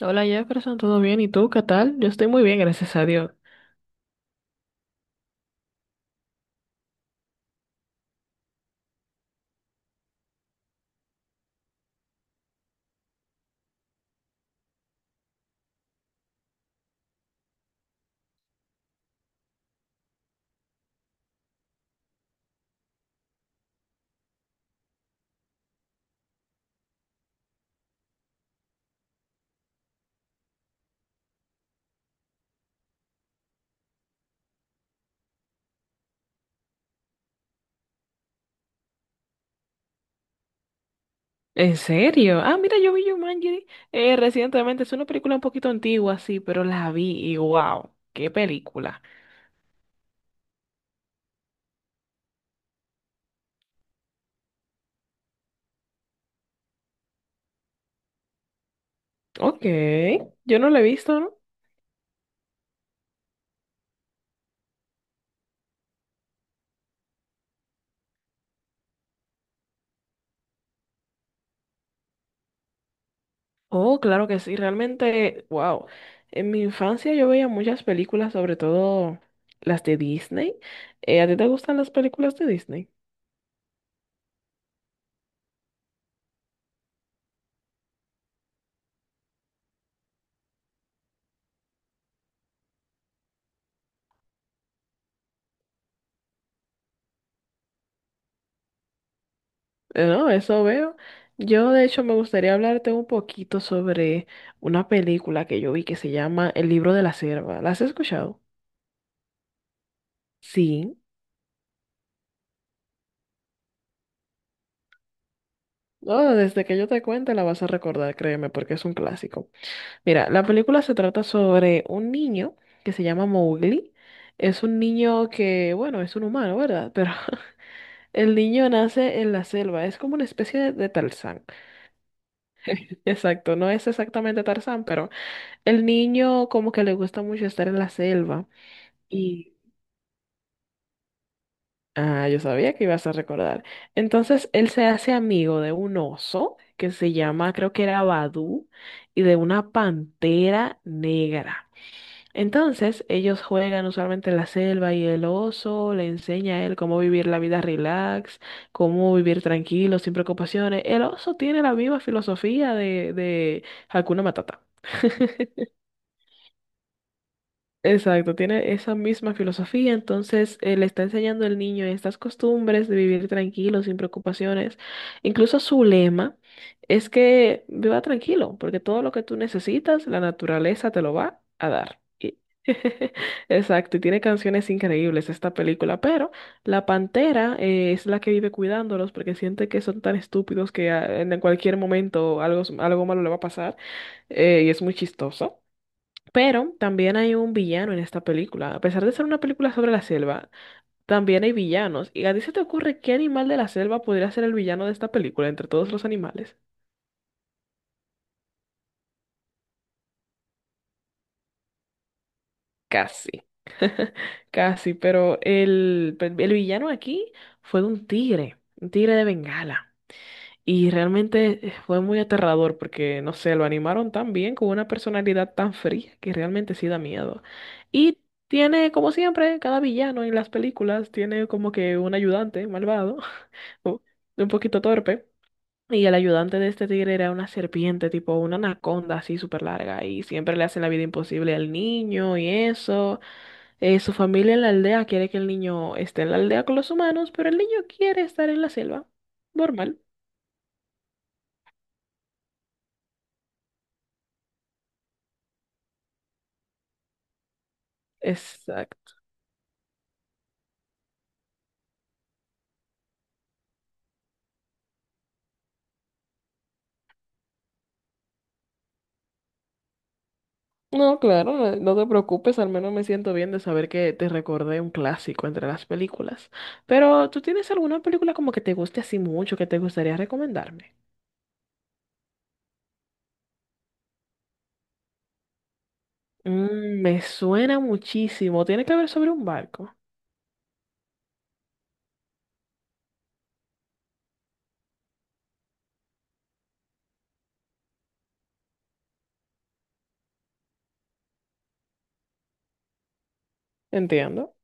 Hola Jefferson, ¿todo bien? ¿Y tú qué tal? Yo estoy muy bien, gracias a Dios. ¿En serio? Ah, mira, yo vi Jumanji recientemente. Es una película un poquito antigua, sí, pero la vi y wow, qué película. Ok, yo no la he visto, ¿no? Oh, claro que sí, realmente, wow. En mi infancia yo veía muchas películas, sobre todo las de Disney. ¿A ti te gustan las películas de Disney? No, eso veo. Yo, de hecho, me gustaría hablarte un poquito sobre una película que yo vi que se llama El libro de la sierva. ¿La has escuchado? Sí. No, desde que yo te cuente la vas a recordar, créeme, porque es un clásico. Mira, la película se trata sobre un niño que se llama Mowgli. Es un niño que, bueno, es un humano, ¿verdad? Pero el niño nace en la selva, es como una especie de Tarzán. Exacto, no es exactamente Tarzán, pero el niño como que le gusta mucho estar en la selva. Y, ah, yo sabía que ibas a recordar. Entonces, él se hace amigo de un oso que se llama, creo que era Badú, y de una pantera negra. Entonces, ellos juegan usualmente en la selva y el oso le enseña a él cómo vivir la vida relax, cómo vivir tranquilo, sin preocupaciones. El oso tiene la misma filosofía de Hakuna Matata. Exacto, tiene esa misma filosofía, entonces le está enseñando al niño estas costumbres de vivir tranquilo, sin preocupaciones. Incluso su lema es que viva tranquilo, porque todo lo que tú necesitas, la naturaleza te lo va a dar. Y exacto, y tiene canciones increíbles esta película, pero la pantera es la que vive cuidándolos porque siente que son tan estúpidos que ah, en cualquier momento algo, algo malo le va a pasar y es muy chistoso. Pero también hay un villano en esta película. A pesar de ser una película sobre la selva, también hay villanos. ¿Y a ti se te ocurre qué animal de la selva podría ser el villano de esta película entre todos los animales? Casi, casi, pero el, pues, el villano aquí fue de un tigre de Bengala. Y realmente fue muy aterrador porque, no sé, lo animaron tan bien con una personalidad tan fría que realmente sí da miedo. Y tiene, como siempre, cada villano en las películas tiene como que un ayudante malvado, o un poquito torpe. Y el ayudante de este tigre era una serpiente, tipo una anaconda así súper larga. Y siempre le hacen la vida imposible al niño y eso. Su familia en la aldea quiere que el niño esté en la aldea con los humanos, pero el niño quiere estar en la selva. Normal. Exacto. No, claro, no, no te preocupes, al menos me siento bien de saber que te recordé un clásico entre las películas. Pero, ¿tú tienes alguna película como que te guste así mucho, que te gustaría recomendarme? Mm, me suena muchísimo. Tiene que ver sobre un barco. Entiendo.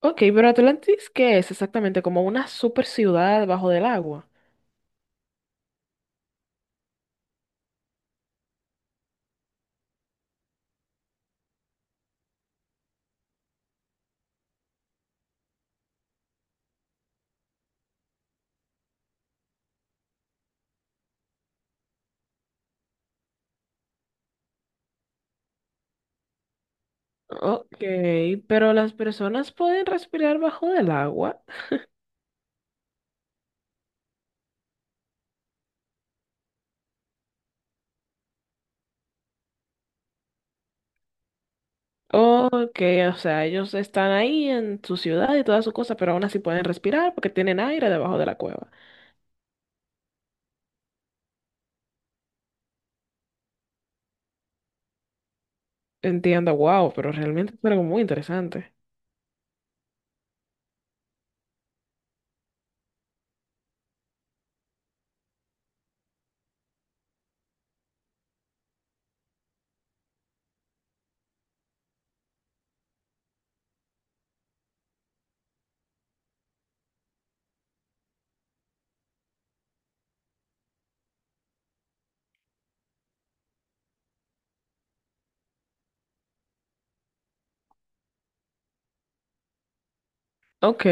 Ok, pero Atlantis, ¿qué es exactamente? ¿Como una super ciudad bajo del agua? Ok, pero las personas pueden respirar bajo del agua. Ok, o sea, ellos están ahí en su ciudad y toda su cosa, pero aún así pueden respirar porque tienen aire debajo de la cueva. Entiendo, wow, pero realmente es algo muy interesante. Ok,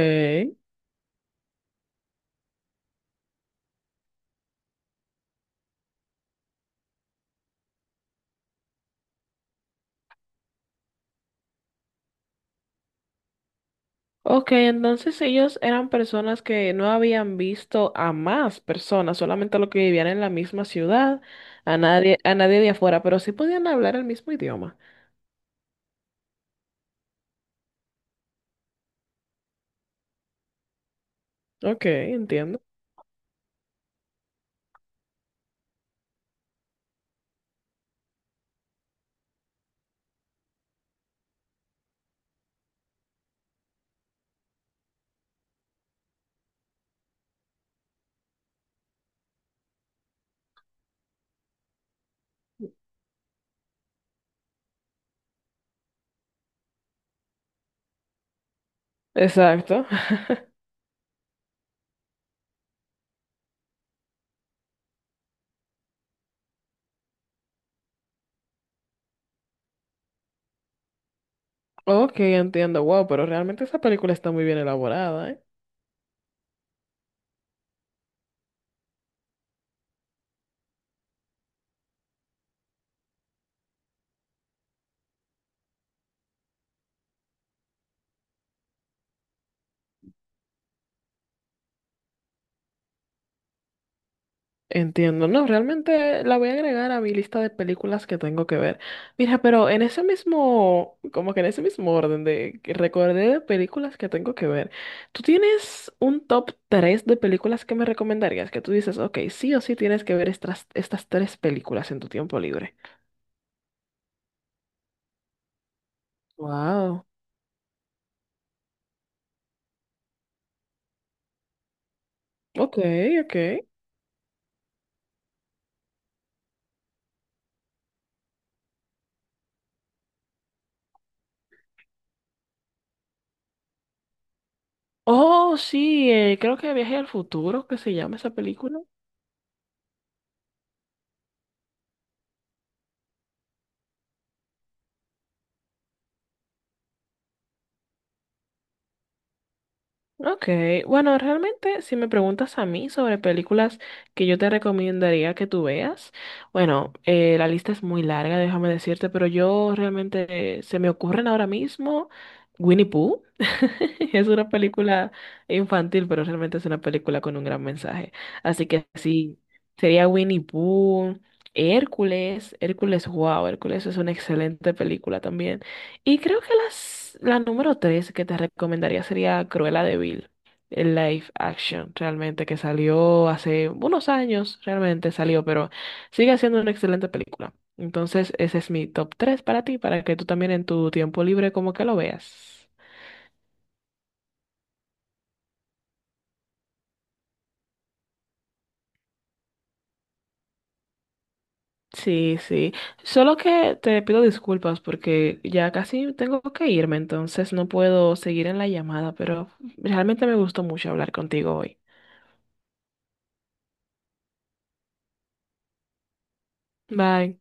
ok, entonces ellos eran personas que no habían visto a más personas, solamente a los que vivían en la misma ciudad, a nadie de afuera, pero sí podían hablar el mismo idioma. Ok, entiendo. Exacto. Ok, entiendo. Wow, pero realmente esa película está muy bien elaborada, ¿eh? Entiendo. No, realmente la voy a agregar a mi lista de películas que tengo que ver. Mira, pero en ese mismo, como que en ese mismo orden de que recordé de películas que tengo que ver, ¿tú tienes un top 3 de películas que me recomendarías? Que tú dices, ok, sí o sí tienes que ver estas, estas tres películas en tu tiempo libre. Wow. Ok, ok. Oh, sí, creo que Viaje al Futuro, que se llama esa película. Ok, bueno, realmente si me preguntas a mí sobre películas que yo te recomendaría que tú veas, bueno, la lista es muy larga, déjame decirte, pero yo realmente se me ocurren ahora mismo Winnie Pooh. Es una película infantil, pero realmente es una película con un gran mensaje. Así que sí, sería Winnie Pooh, Hércules, Hércules, wow, Hércules es una excelente película también. Y creo que las, la número tres que te recomendaría sería Cruella de Vil, el live action, realmente, que salió hace unos años, realmente salió, pero sigue siendo una excelente película. Entonces, ese es mi top tres para ti, para que tú también en tu tiempo libre como que lo veas. Sí, sí. Solo que te pido disculpas porque ya casi tengo que irme, entonces no puedo seguir en la llamada, pero realmente me gustó mucho hablar contigo hoy. Bye.